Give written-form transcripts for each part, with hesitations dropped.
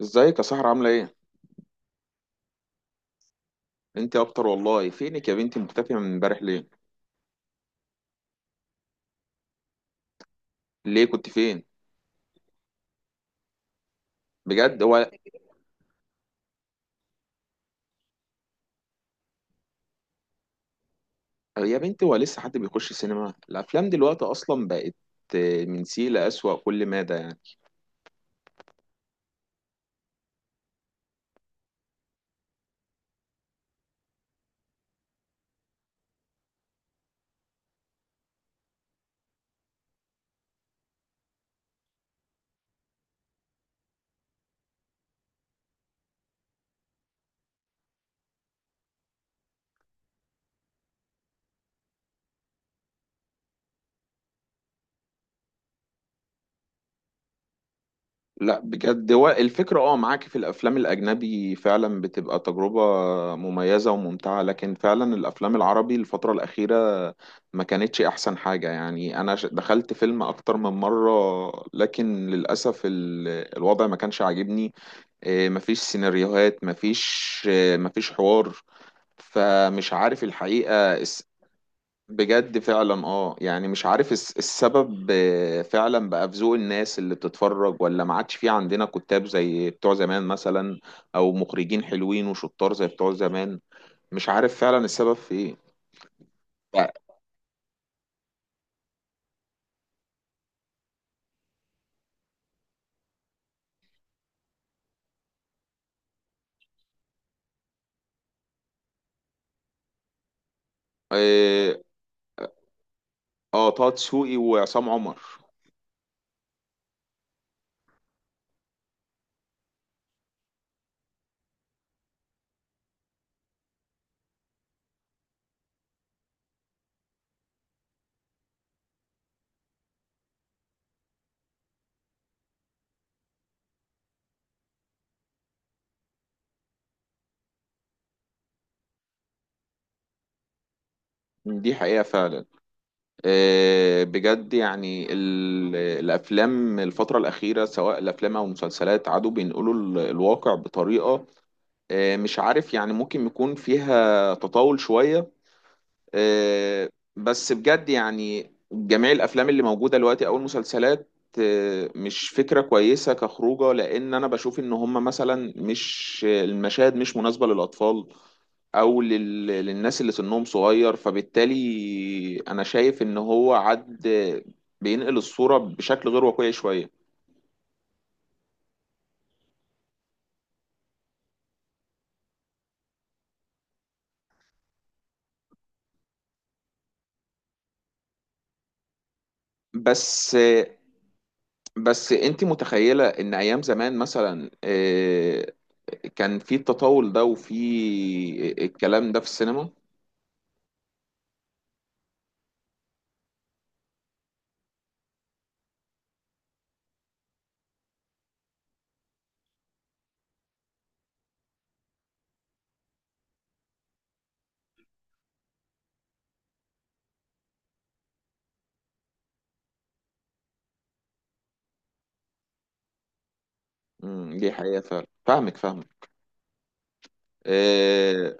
ازيك يا سهرة عاملة ايه؟ انت اكتر والله. فينك يا بنتي مختفية من امبارح ليه؟ ليه كنت فين؟ بجد هو؟ يا بنتي هو لسه حد بيخش سينما؟ الافلام دلوقتي اصلا بقت من سيء لأسوأ، كل مادة يعني. لا بجد، هو الفكرة اه، معاكي في الافلام الاجنبي فعلا بتبقى تجربة مميزة وممتعة، لكن فعلا الافلام العربي الفترة الاخيرة ما كانتش احسن حاجة يعني. انا دخلت فيلم اكتر من مرة، لكن للأسف الوضع ما كانش عاجبني. مفيش سيناريوهات، مفيش مفيش حوار، فمش عارف الحقيقة بجد فعلا. اه يعني مش عارف السبب إيه، فعلا بقى في ذوق الناس اللي بتتفرج، ولا ما عادش في عندنا كتاب زي بتوع زمان مثلا، او مخرجين حلوين وشطار زي بتوع زمان. مش عارف فعلا السبب في ايه. ف- إيه، اه، طه دسوقي وعصام عمر. دي حقيقة فعلا. بجد يعني الافلام الفتره الاخيره سواء الافلام او المسلسلات عادوا بينقلوا الواقع بطريقه مش عارف يعني، ممكن يكون فيها تطاول شويه آه، بس بجد يعني جميع الافلام اللي موجوده دلوقتي او المسلسلات مش فكره كويسه كخروجه، لان انا بشوف ان هم مثلا مش، المشاهد مش مناسبه للاطفال او لل... للناس اللي سنهم صغير، فبالتالي انا شايف ان هو عد، بينقل الصورة بشكل غير واقعي شوية. بس انت متخيلة ان ايام زمان مثلا كان في التطاول ده وفي الكلام ده في السينما؟ مم، دي حقيقة فعلا، فاهمك فاهمك. أه.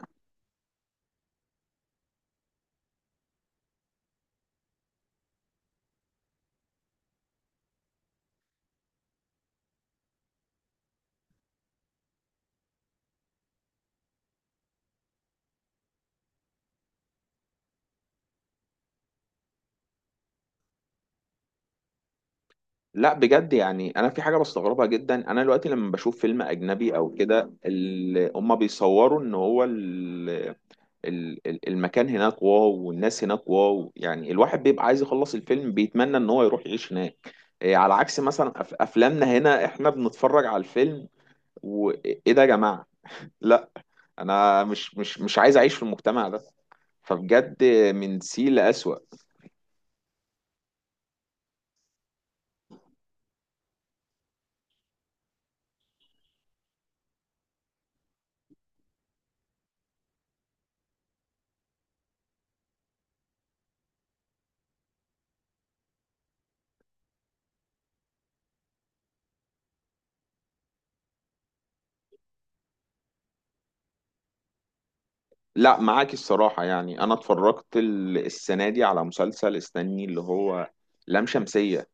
لا بجد يعني انا في حاجة بستغربها جدا، انا دلوقتي لما بشوف فيلم اجنبي او كده هما بيصوروا ان هو المكان هناك واو، والناس هناك واو، يعني الواحد بيبقى عايز يخلص الفيلم بيتمنى ان هو يروح يعيش هناك. على عكس مثلا افلامنا هنا، احنا بنتفرج على الفيلم وايه ده يا جماعة؟ لا، انا مش عايز اعيش في المجتمع ده. فبجد، من سيء لأسوأ. لا معاك الصراحة. يعني انا اتفرجت السنة دي على مسلسل، استني، اللي هو لام شمسية.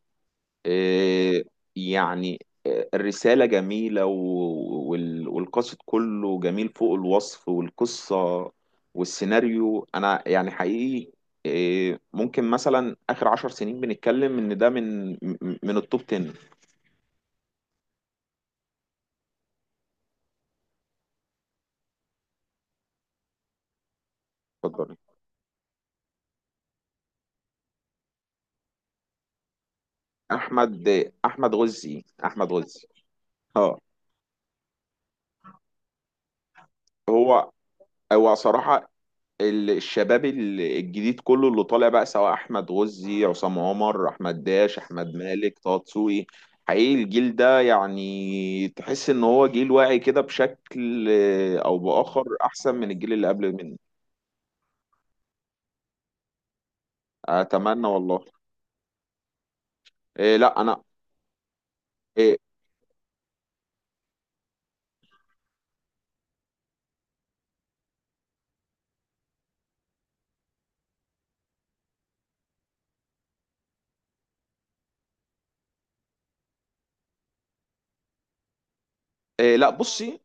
آه، يعني الرسالة جميلة والقصد كله جميل فوق الوصف، والقصة والسيناريو أنا يعني حقيقي ممكن مثلا آخر عشر سنين بنتكلم إن ده من من التوب 10. اتفضلي. أحمد، أحمد غزي، أحمد غزي. أه. هو صراحة الشباب الجديد كله اللي طالع بقى، سواء احمد غزي، عصام عمر، احمد داش، احمد مالك، طه دسوقي، حقيقي الجيل ده يعني تحس ان هو جيل واعي كده بشكل او باخر احسن من الجيل اللي قبل منه. اتمنى والله. لا انا، إيه، إيه لا بصي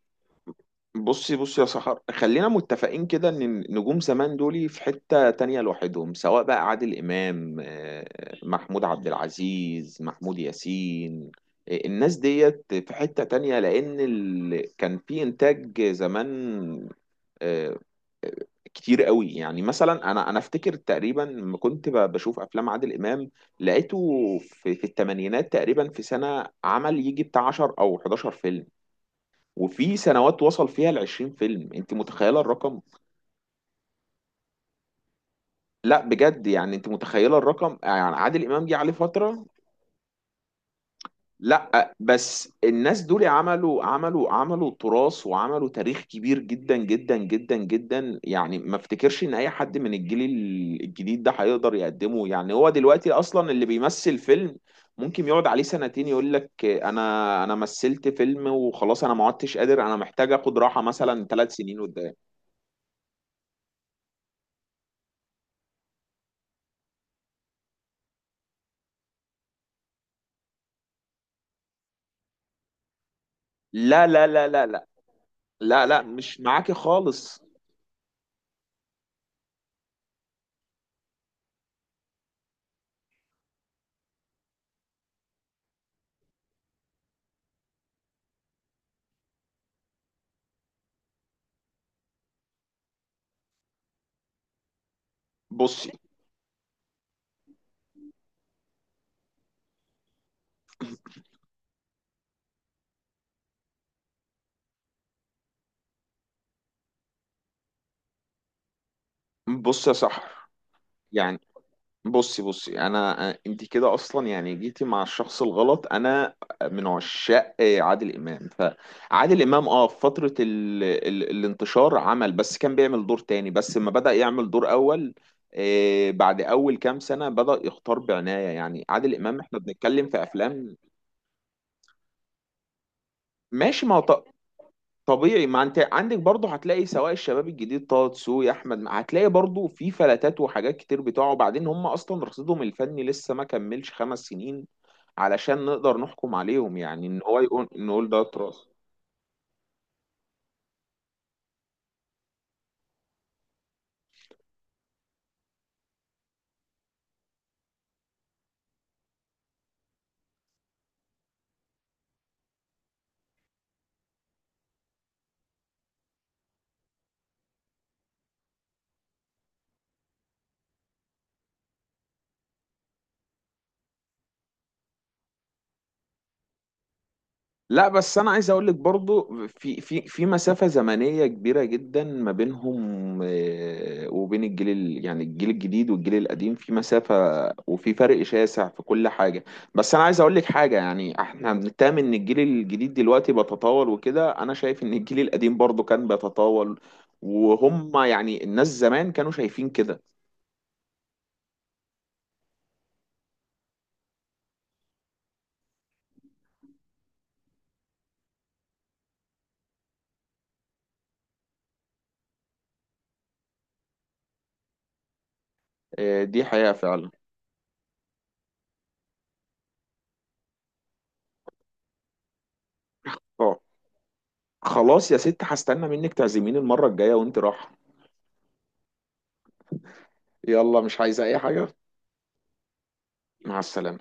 يا سحر. خلينا متفقين كده ان النجوم زمان دول في حتة تانية لوحدهم سواء بقى عادل امام آه، محمود عبد العزيز محمود ياسين آه، الناس ديت في حتة تانية لان ال... كان في انتاج زمان آه، كتير قوي يعني مثلا انا انا افتكر تقريبا لما كنت ب- بشوف افلام عادل امام لقيته في, في الثمانينات تقريبا في سنة عمل يجي بتاع 10 او 11 فيلم وفي سنوات وصل فيها ل 20 فيلم انت متخيله الرقم لا بجد يعني انت متخيله الرقم يعني عادل امام جه عليه فتره لا بس الناس دول عملوا عملوا عملوا تراث وعملوا تاريخ كبير جدا جدا جدا جدا يعني ما افتكرش ان اي حد من الجيل ال- الجديد ده هيقدر يقدمه يعني هو دلوقتي اصلا اللي بيمثل فيلم ممكن يقعد عليه سنتين يقول لك انا انا مثلت فيلم وخلاص انا ما عدتش قادر انا محتاج اخد راحة مثلا ثلاث سنين قدام لا لا لا لا لا لا مش معاكي خالص بصي بصي يا سحر يعني بصي بصي انا، انت كده اصلا يعني جيتي مع الشخص الغلط، انا من عشاق عادل امام. فعادل امام، اه، في فتره الانتشار عمل، بس كان بيعمل دور تاني، بس لما بدأ يعمل دور اول بعد اول كام سنه بدأ يختار بعنايه، يعني عادل امام احنا بنتكلم في افلام. ماشي، ما هو طبيعي، ما انت عندك برضه هتلاقي، سواء الشباب الجديد طه دسوقي، احمد هتلاقي برضه في فلتات وحاجات كتير بتوعه، وبعدين هم اصلا رصيدهم الفني لسه ما كملش خمس سنين علشان نقدر نحكم عليهم. يعني ان هو يقول، نقول ده تراث؟ لا بس انا عايز اقول لك برضو، في مسافة زمنية كبيرة جدا ما بينهم وبين الجيل يعني الجيل الجديد والجيل القديم في مسافة، وفي فرق شاسع في كل حاجة. بس انا عايز اقول لك حاجة، يعني احنا بنتهم ان الجيل الجديد دلوقتي بيتطاول وكده، انا شايف ان الجيل القديم برضو كان بيتطاول، وهم يعني الناس زمان كانوا شايفين كده دي حقيقة فعلا. اه، خلاص يا ست، هستنى منك تعزميني المرة الجاية وانت رايحة. يلا، مش عايزة اي حاجة. مع السلامة.